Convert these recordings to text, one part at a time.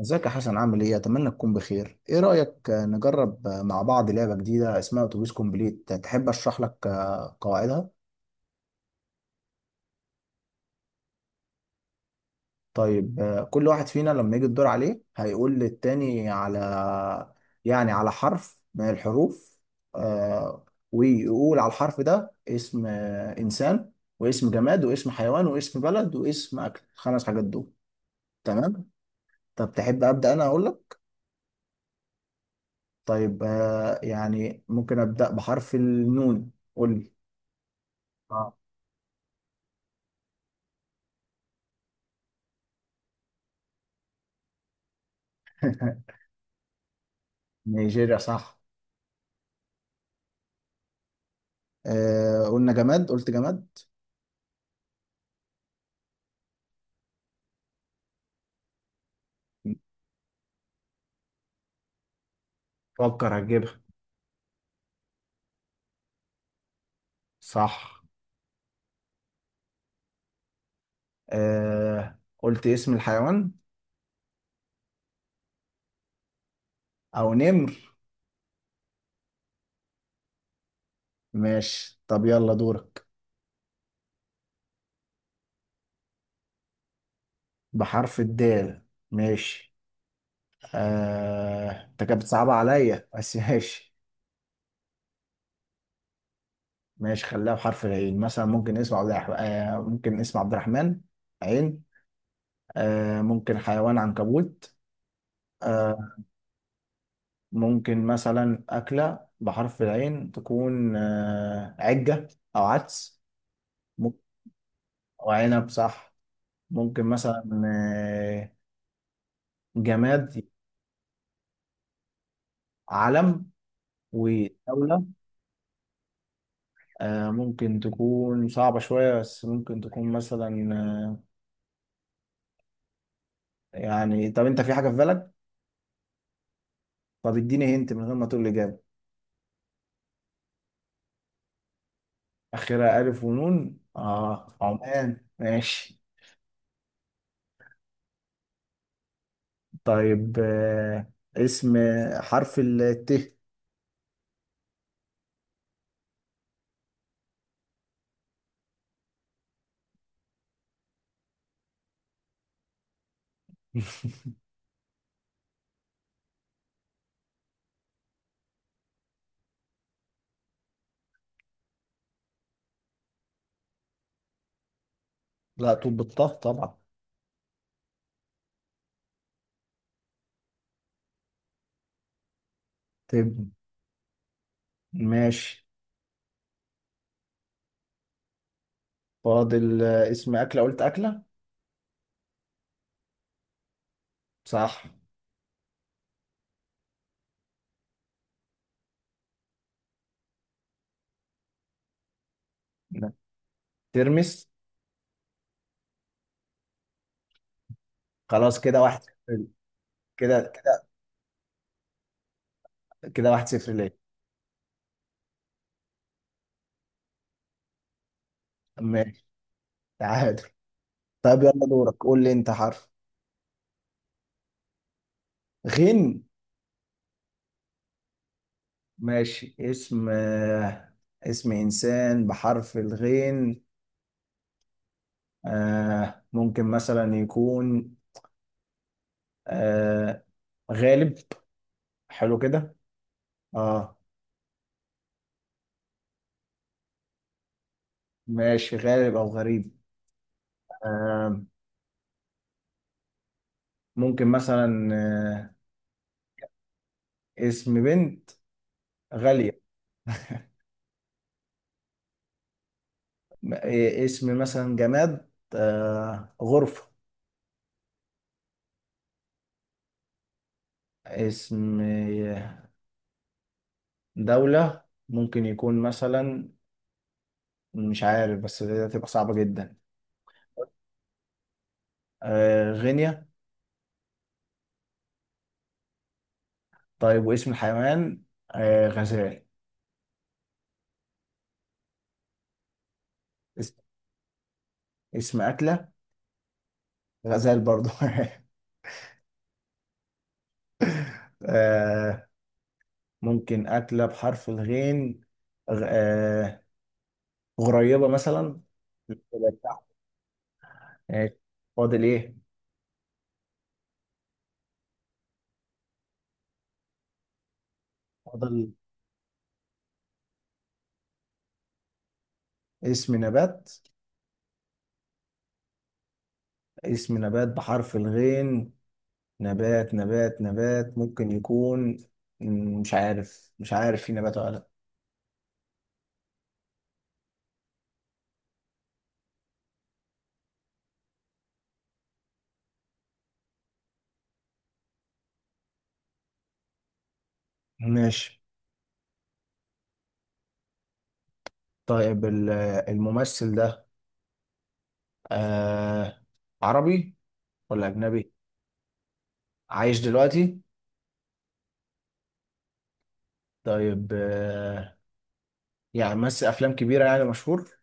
ازيك يا حسن، عامل ايه؟ اتمنى تكون بخير. ايه رأيك نجرب مع بعض لعبة جديدة اسمها اتوبيس كومبليت. تحب اشرح لك قواعدها؟ طيب كل واحد فينا لما يجي الدور عليه هيقول للتاني على، يعني على حرف من الحروف، آه، ويقول على الحرف ده اسم انسان، واسم جماد، واسم حيوان، واسم بلد، واسم اكل. خمس حاجات دول. تمام؟ طب تحب ابدأ انا اقول لك؟ طيب يعني ممكن ابدأ بحرف النون. قول لي. اه. نيجيريا صح. آه، قلنا جماد، قلت جماد. فكر هتجيبها. صح. آه، قلت اسم الحيوان. او نمر. ماشي، طب يلا دورك. بحرف الدال ماشي. انت كانت بتصعب عليا بس ماشي. ماشي، خليها بحرف العين. مثلا ممكن اسم عبد الرحمن. عين. ممكن حيوان عنكبوت. آه... ممكن مثلا أكلة بحرف العين تكون عجة، أو عدس. ممكن- أو عنب صح. ممكن مثلا جماد، علم ودولة. ممكن تكون صعبة شوية بس ممكن تكون مثلا آه، يعني. طب أنت في حاجة في بالك؟ طب اديني هنت من غير ما تقول لي إجابة. آخرها ألف ونون. آه، عمان ماشي. طيب اسم حرف الت. لا، طول بالطه طبعا. طب ماشي. فاضل اسم أكلة، قلت أكلة. صح. لا. ترمس. خلاص كده واحد صفر. كده. كده واحد صفر ليه. ماشي. تعادل. طب يلا دورك، قول لي أنت حرف. غين ماشي. اسم اسم إنسان بحرف الغين. ممكن مثلا يكون آه غالب. حلو كده. اه. ماشي، غالب أو غريب. آه ممكن مثلا اسم بنت غالية. إيه اسم مثلا جماد؟ غرفة. اسم دولة ممكن يكون مثلا، مش عارف بس دي هتبقى صعبة جدا. غينيا. طيب واسم الحيوان؟ غزال. اس- اسم أكلة. غزال برضو. آه ممكن أكلة بحرف الغين. غ- آه غريبة مثلا. آه، فاضل إيه؟ فاضل اسم نبات. اسم نبات بحرف الغين. نبات ممكن يكون. مش عارف، مش عارف في نبات ولا لا. ماشي. طيب الممثل ده آه عربي ولا أجنبي؟ عايش دلوقتي. طيب يعني مثل أفلام كبيرة، يعني مشهور.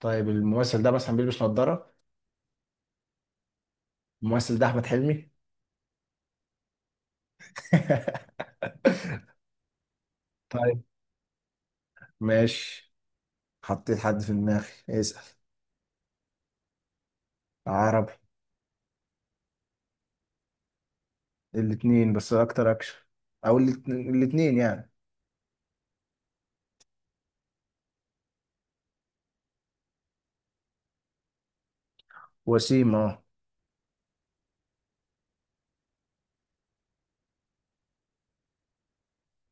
طيب الممثل ده مثلا بيلبس نظارة. الممثل ده أحمد حلمي. طيب ماشي. حطيت حد في دماغي، اسأل. عربي. الاتنين بس اكتر اكشن. او الاتنين يعني. وسيم اه.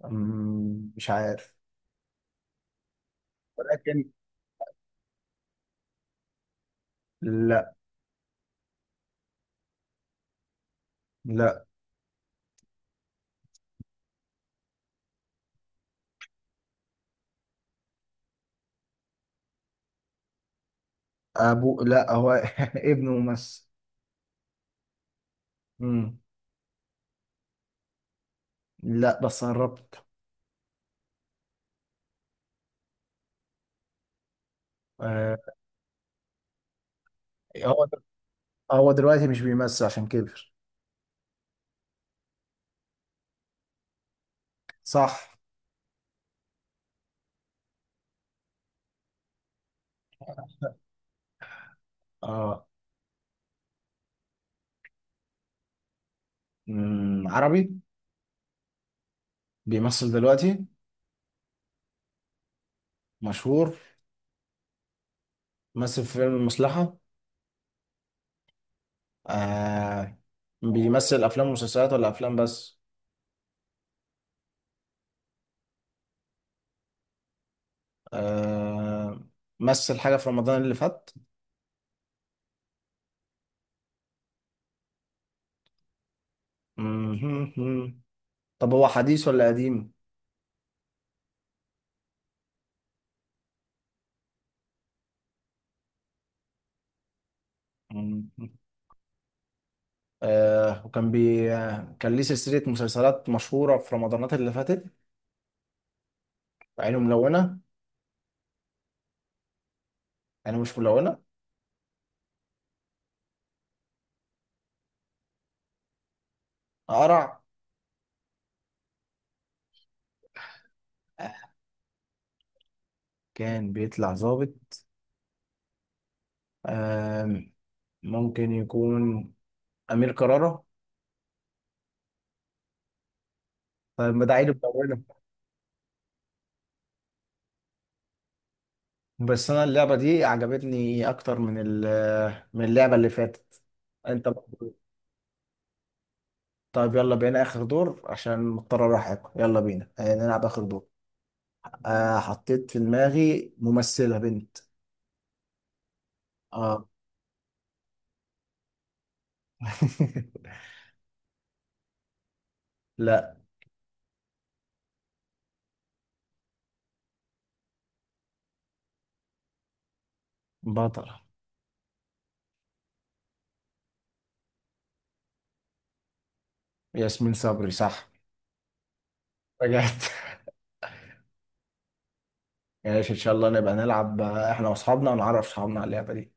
مش عارف. ولكن. لا، لا. ابو لا، هو ابنه ممثل. أمم، لا بس قربت. آه، هو هو دلوقتي مش بيمثل عشان كبر. صح اه. عربي. بيمثل دلوقتي. مشهور. مثل في فيلم المصلحة. آه بيمثل افلام ومسلسلات ولا افلام بس؟ آه مثل حاجة في رمضان اللي فات. مهم. طب هو حديث ولا قديم؟ مهم. آه وكان بي آه، كان ليه سلسلة مسلسلات مشهورة في رمضانات اللي فاتت. عينه ملونة؟ عينه مش ملونة. قرع. آه، كان بيطلع ظابط. آه ممكن يكون أمير كرارة. طيب ما ده عينه ملونة. بس أنا اللعبة دي عجبتني أكتر من من اللعبة اللي فاتت. أنت. طيب يلا بينا آخر دور عشان مضطر أروح آكل. يلا بينا نلعب آخر دور. حطيت في دماغي ممثلة بنت. اه. لا، بطلة. ياسمين صبري صح. رجعت. ماشي ان شاء الله نبقى نلعب احنا واصحابنا، ونعرف اصحابنا على اللعبة دي.